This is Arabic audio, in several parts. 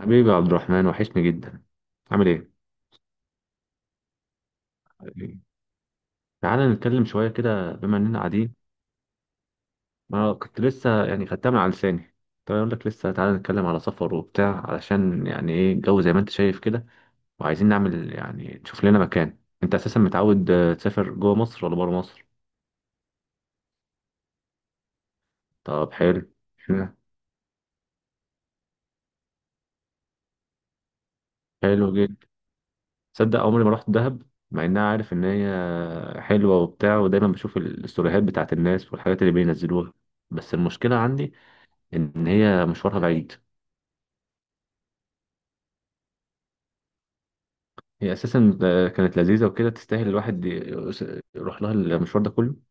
حبيبي يا عبد الرحمن وحشني جدا. عامل ايه؟ حبيبي. تعالى نتكلم شوية كده بما اننا قاعدين. انا كنت لسه يعني خدتها من على لساني. طيب اقول لك لسه تعالى نتكلم على سفر وبتاع علشان يعني ايه الجو زي ما انت شايف كده، وعايزين نعمل يعني نشوف لنا مكان. انت اساسا متعود تسافر جوه مصر ولا بره مصر؟ طب حلو. اشمعنى؟ حلو جدا. تصدق عمري ما رحت دهب، مع انها عارف ان هي حلوة وبتاع ودايما بشوف الستوريهات بتاعت الناس والحاجات اللي بينزلوها. بس المشكلة عندي ان هي مشوارها بعيد. هي اساسا كانت لذيذه وكده تستاهل الواحد يروح لها المشوار ده كله.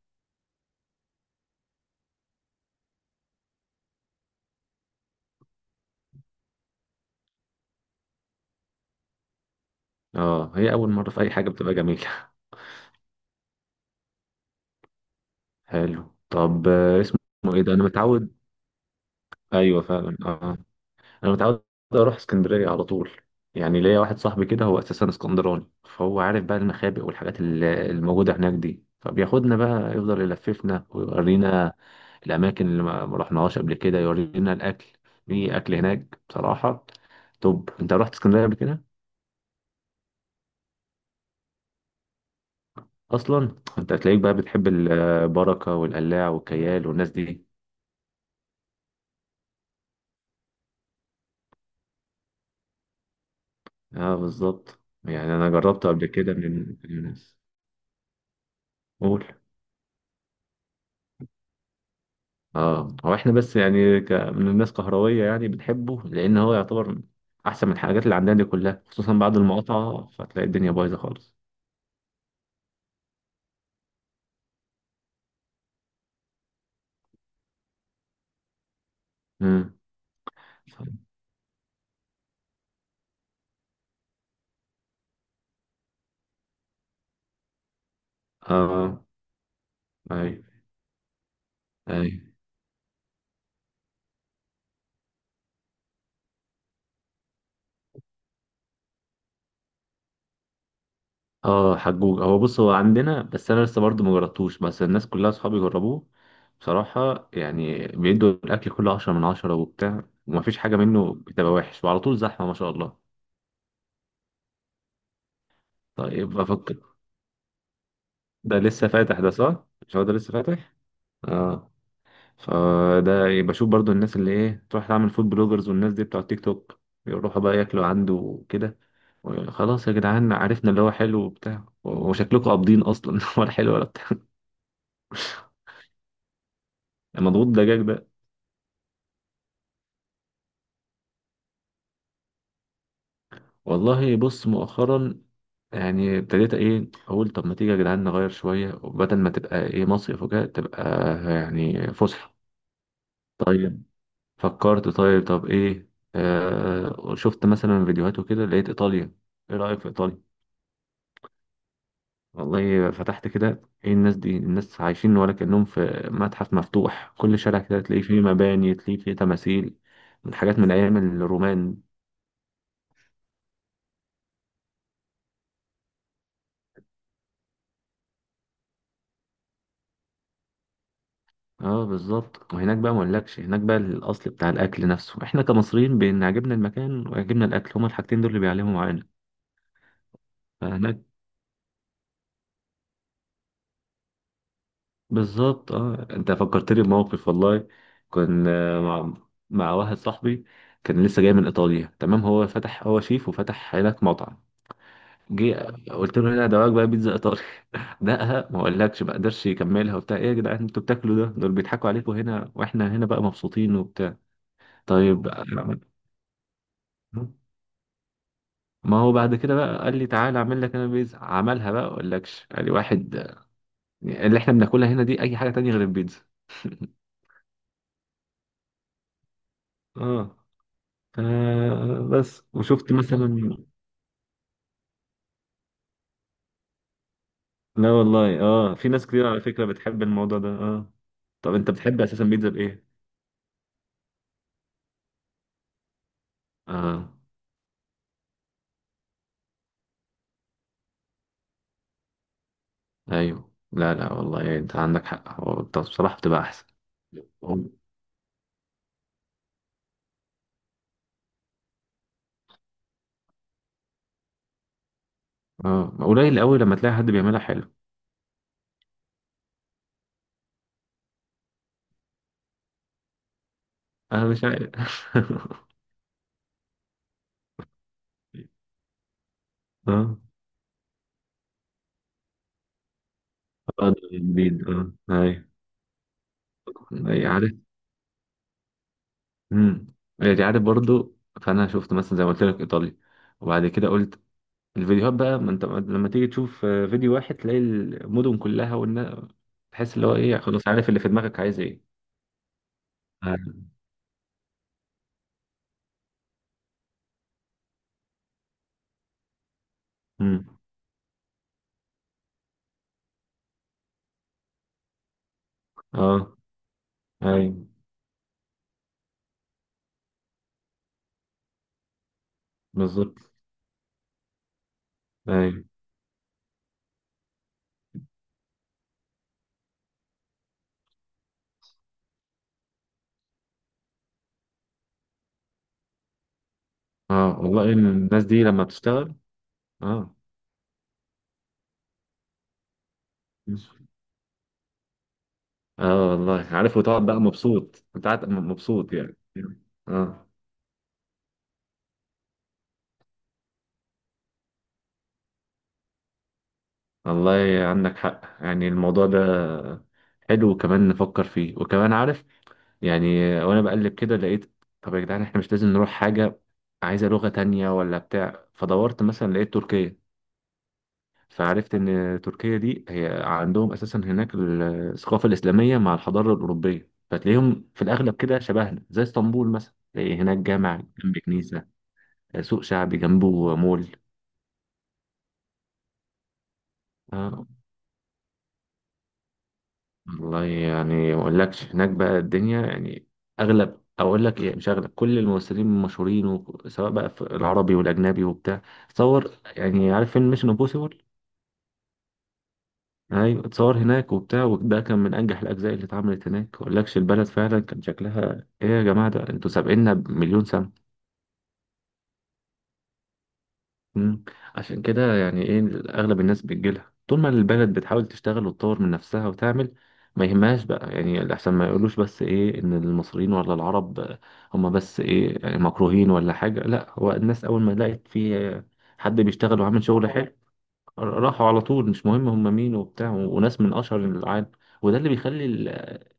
اه هي اول مره في اي حاجه بتبقى جميله. حلو. طب اسمه ايه ده. انا متعود. ايوه فعلا، اه. انا متعود اروح اسكندريه على طول. يعني ليا واحد صاحبي كده هو اساسا اسكندراني، فهو عارف بقى المخابئ والحاجات الموجوده هناك دي، فبياخدنا بقى يفضل يلففنا ويورينا الاماكن اللي ما رحناهاش قبل كده، يورينا الاكل. في اكل هناك بصراحه. طب انت رحت اسكندريه قبل كده. اصلا انت هتلاقيك بقى بتحب البركه والقلاع والكيال والناس دي. اه بالظبط، يعني انا جربته قبل كده من الناس. قول. اه، هو احنا بس يعني من الناس كهرويه يعني بنحبه لان هو يعتبر احسن من الحاجات اللي عندنا دي كلها، خصوصا بعد المقاطعه فتلاقي الدنيا بايظه خالص. امم. اه. ايوه ايوه. اه حجوج، هو بص هو عندنا، بس انا لسه برضه ما جربتوش، بس الناس كلها اصحابي جربوه. بصراحه يعني بيدوا الاكل كله 10 من 10 وبتاع، ومفيش حاجه منه بتبقى وحش، وعلى طول زحمه ما شاء الله. طيب بفكر. ده لسه فاتح ده، صح؟ مش هو ده لسه فاتح. اه. فده يبقى شوف برضه الناس اللي ايه، تروح تعمل فود بلوجرز والناس دي بتوع التيك توك، يروحوا بقى ياكلوا عنده وكده. خلاص يا جدعان عرفنا اللي هو حلو وبتاع، وشكلكم قابضين اصلا ولا حلو ولا بتاع. مضغوط دجاج ده. والله بص، مؤخرا يعني ابتديت ايه اقول، طب ما تيجي يا جدعان نغير شويه، وبدل ما تبقى ايه مصيف وكده تبقى يعني فسحه. طيب فكرت طيب، طب ايه؟ شفت مثلا فيديوهات وكده لقيت ايطاليا. ايه رايك في ايطاليا؟ والله فتحت كده، ايه الناس دي، الناس عايشين ولا كانهم في متحف مفتوح، كل شارع كده تلاقي فيه مباني تلاقي فيه تماثيل من حاجات من ايام الرومان. اه بالظبط، وهناك بقى ما اقولكش، هناك بقى الاصل بتاع الاكل نفسه، احنا كمصريين بان عجبنا المكان وعجبنا الاكل، هما الحاجتين دول اللي بيعلموا معانا. فهناك بالظبط. اه انت فكرتني بموقف والله، كنا مع واحد صاحبي كان لسه جاي من ايطاليا، تمام هو فتح، هو شيف وفتح هناك مطعم. جه قلت له، هنا دواك بقى بيتزا ايطالي. دقها ما اقولكش، ما قدرش يكملها وبتاع، ايه يا جدعان انتوا بتاكلوا ده، دول بيضحكوا عليكم، هنا واحنا هنا بقى مبسوطين وبتاع. طيب آه، ما هو بعد كده بقى قال لي تعالى اعمل لك انا بيتزا، عملها بقى اقول لكش، قال لي واحد اللي احنا بناكلها هنا دي اي حاجه تانية غير البيتزا. اه، بس وشفت مثلا. لا والله اه، في ناس كتير على فكره بتحب الموضوع ده، اه. طب انت بتحب اساسا بيتزا بايه؟ اه ايوه، لا لا والله انت عندك حق، هو طب بصراحه بتبقى احسن. اه قليل قوي لما تلاقي حد بيعملها حلو. انا مش عارف. اه اه، ده جديد، اه ايوه. أيوة، عارف. امم. يعني عارف برضو. فانا شفت مثلا زي ما قلت لك ايطاليا، وبعد كده قلت الفيديوهات بقى، ما انت لما تيجي تشوف فيديو واحد، تلاقي المدن كلها والنا، تحس اللي هو ايه خلاص، عارف اللي في دماغك عايز ايه. آه. امم. اه ايوه، بالظبط ايوه. اه والله الناس دي لما بتشتغل. اه اه والله عارف، وتقعد بقى مبسوط، انت قاعد مبسوط يعني. اه والله عندك حق، يعني الموضوع ده حلو، وكمان نفكر فيه، وكمان عارف يعني. وانا بقلب كده لقيت، طب يا جدعان احنا مش لازم نروح حاجة عايزة لغة تانية ولا بتاع، فدورت مثلا لقيت تركيا. فعرفت ان تركيا دي هي عندهم اساسا هناك الثقافة الاسلامية مع الحضارة الاوروبية، فتلاقيهم في الاغلب كده شبهنا، زي اسطنبول مثلا تلاقي هناك جامع جنب كنيسة، سوق شعبي جنبه مول. والله يعني ما اقولكش هناك بقى الدنيا يعني، اغلب اقول لك ايه مش اغلب، كل الممثلين المشهورين سواء بقى في العربي والاجنبي وبتاع، تصور يعني عارف فيلم ميشن امبوسيبل؟ ايوه اتصور هناك وبتاع، وده كان من انجح الاجزاء اللي اتعملت، هناك ما اقولكش البلد فعلا كان شكلها ايه، يا جماعه ده انتوا سابقنا بمليون سنه. مم. عشان كده يعني ايه، اغلب الناس بتجيلها طول ما البلد بتحاول تشتغل وتطور من نفسها وتعمل، ما يهمهاش بقى يعني الاحسن ما يقولوش بس ايه ان المصريين ولا العرب هم بس ايه يعني مكروهين ولا حاجة، لا هو الناس اول ما لقت في حد بيشتغل وعامل شغل حلو، راحوا على طول، مش مهم هم مين وبتاع، وناس من اشهر العالم. وده اللي بيخلي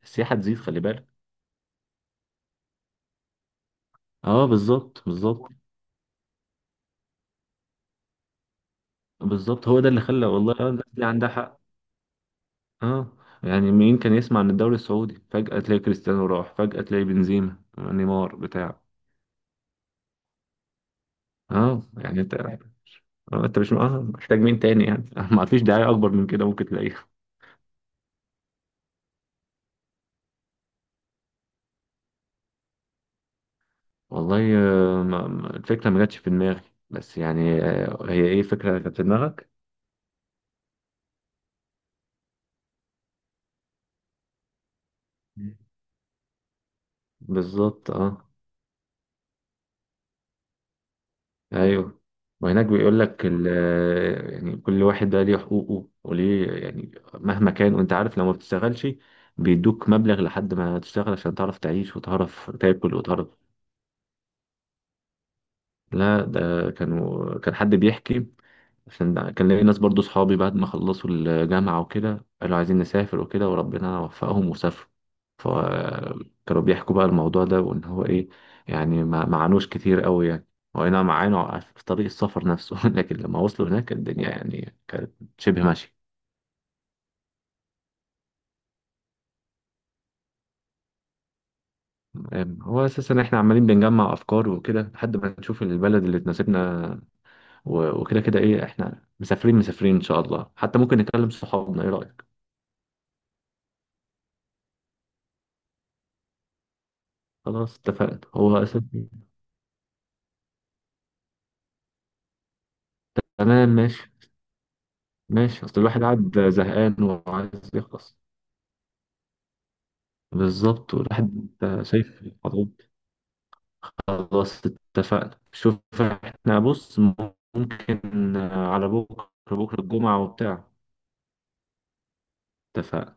السياحة تزيد، خلي بالك. اه بالظبط بالظبط بالظبط، هو ده اللي خلى والله الناس دي عندها حق. اه يعني مين كان يسمع عن الدوري السعودي، فجأة تلاقي كريستيانو راح، فجأة تلاقي بنزيما نيمار بتاع. اه يعني انت مش محتاج مين تاني يعني ما فيش دعاية اكبر من كده ممكن تلاقيها. والله الفكرة ما جاتش في دماغي، بس يعني هي ايه فكرة كانت في دماغك؟ بالظبط اه ايوه. وهناك بيقول لك يعني كل واحد بقى ليه حقوقه وليه، يعني مهما كان وانت عارف لو ما بتشتغلش بيدوك مبلغ لحد ما تشتغل، عشان تعرف تعيش وتعرف تاكل وتعرف. لا ده كان حد بيحكي، عشان كان ليا ناس برضو صحابي بعد ما خلصوا الجامعة وكده قالوا عايزين نسافر وكده، وربنا وفقهم وسافروا، فكانوا بيحكوا بقى الموضوع ده، وإن هو إيه يعني ما عانوش كتير قوي يعني، هو أي نعم معانا في طريق السفر نفسه لكن لما وصلوا هناك الدنيا يعني كانت شبه ماشية. هو أساسا إحنا عمالين بنجمع أفكار وكده لحد ما نشوف البلد اللي تناسبنا، وكده كده إيه، إحنا مسافرين مسافرين إن شاء الله، حتى ممكن نكلم صحابنا، إيه رأيك؟ خلاص اتفقنا، هو أساسا تمام ماشي. ماشي، اصل الواحد قاعد زهقان وعايز يخلص. بالظبط والواحد شايف الخطوات. خلاص اتفقنا، شوف احنا بص، ممكن على بكرة، بكرة الجمعة وبتاع. اتفقنا.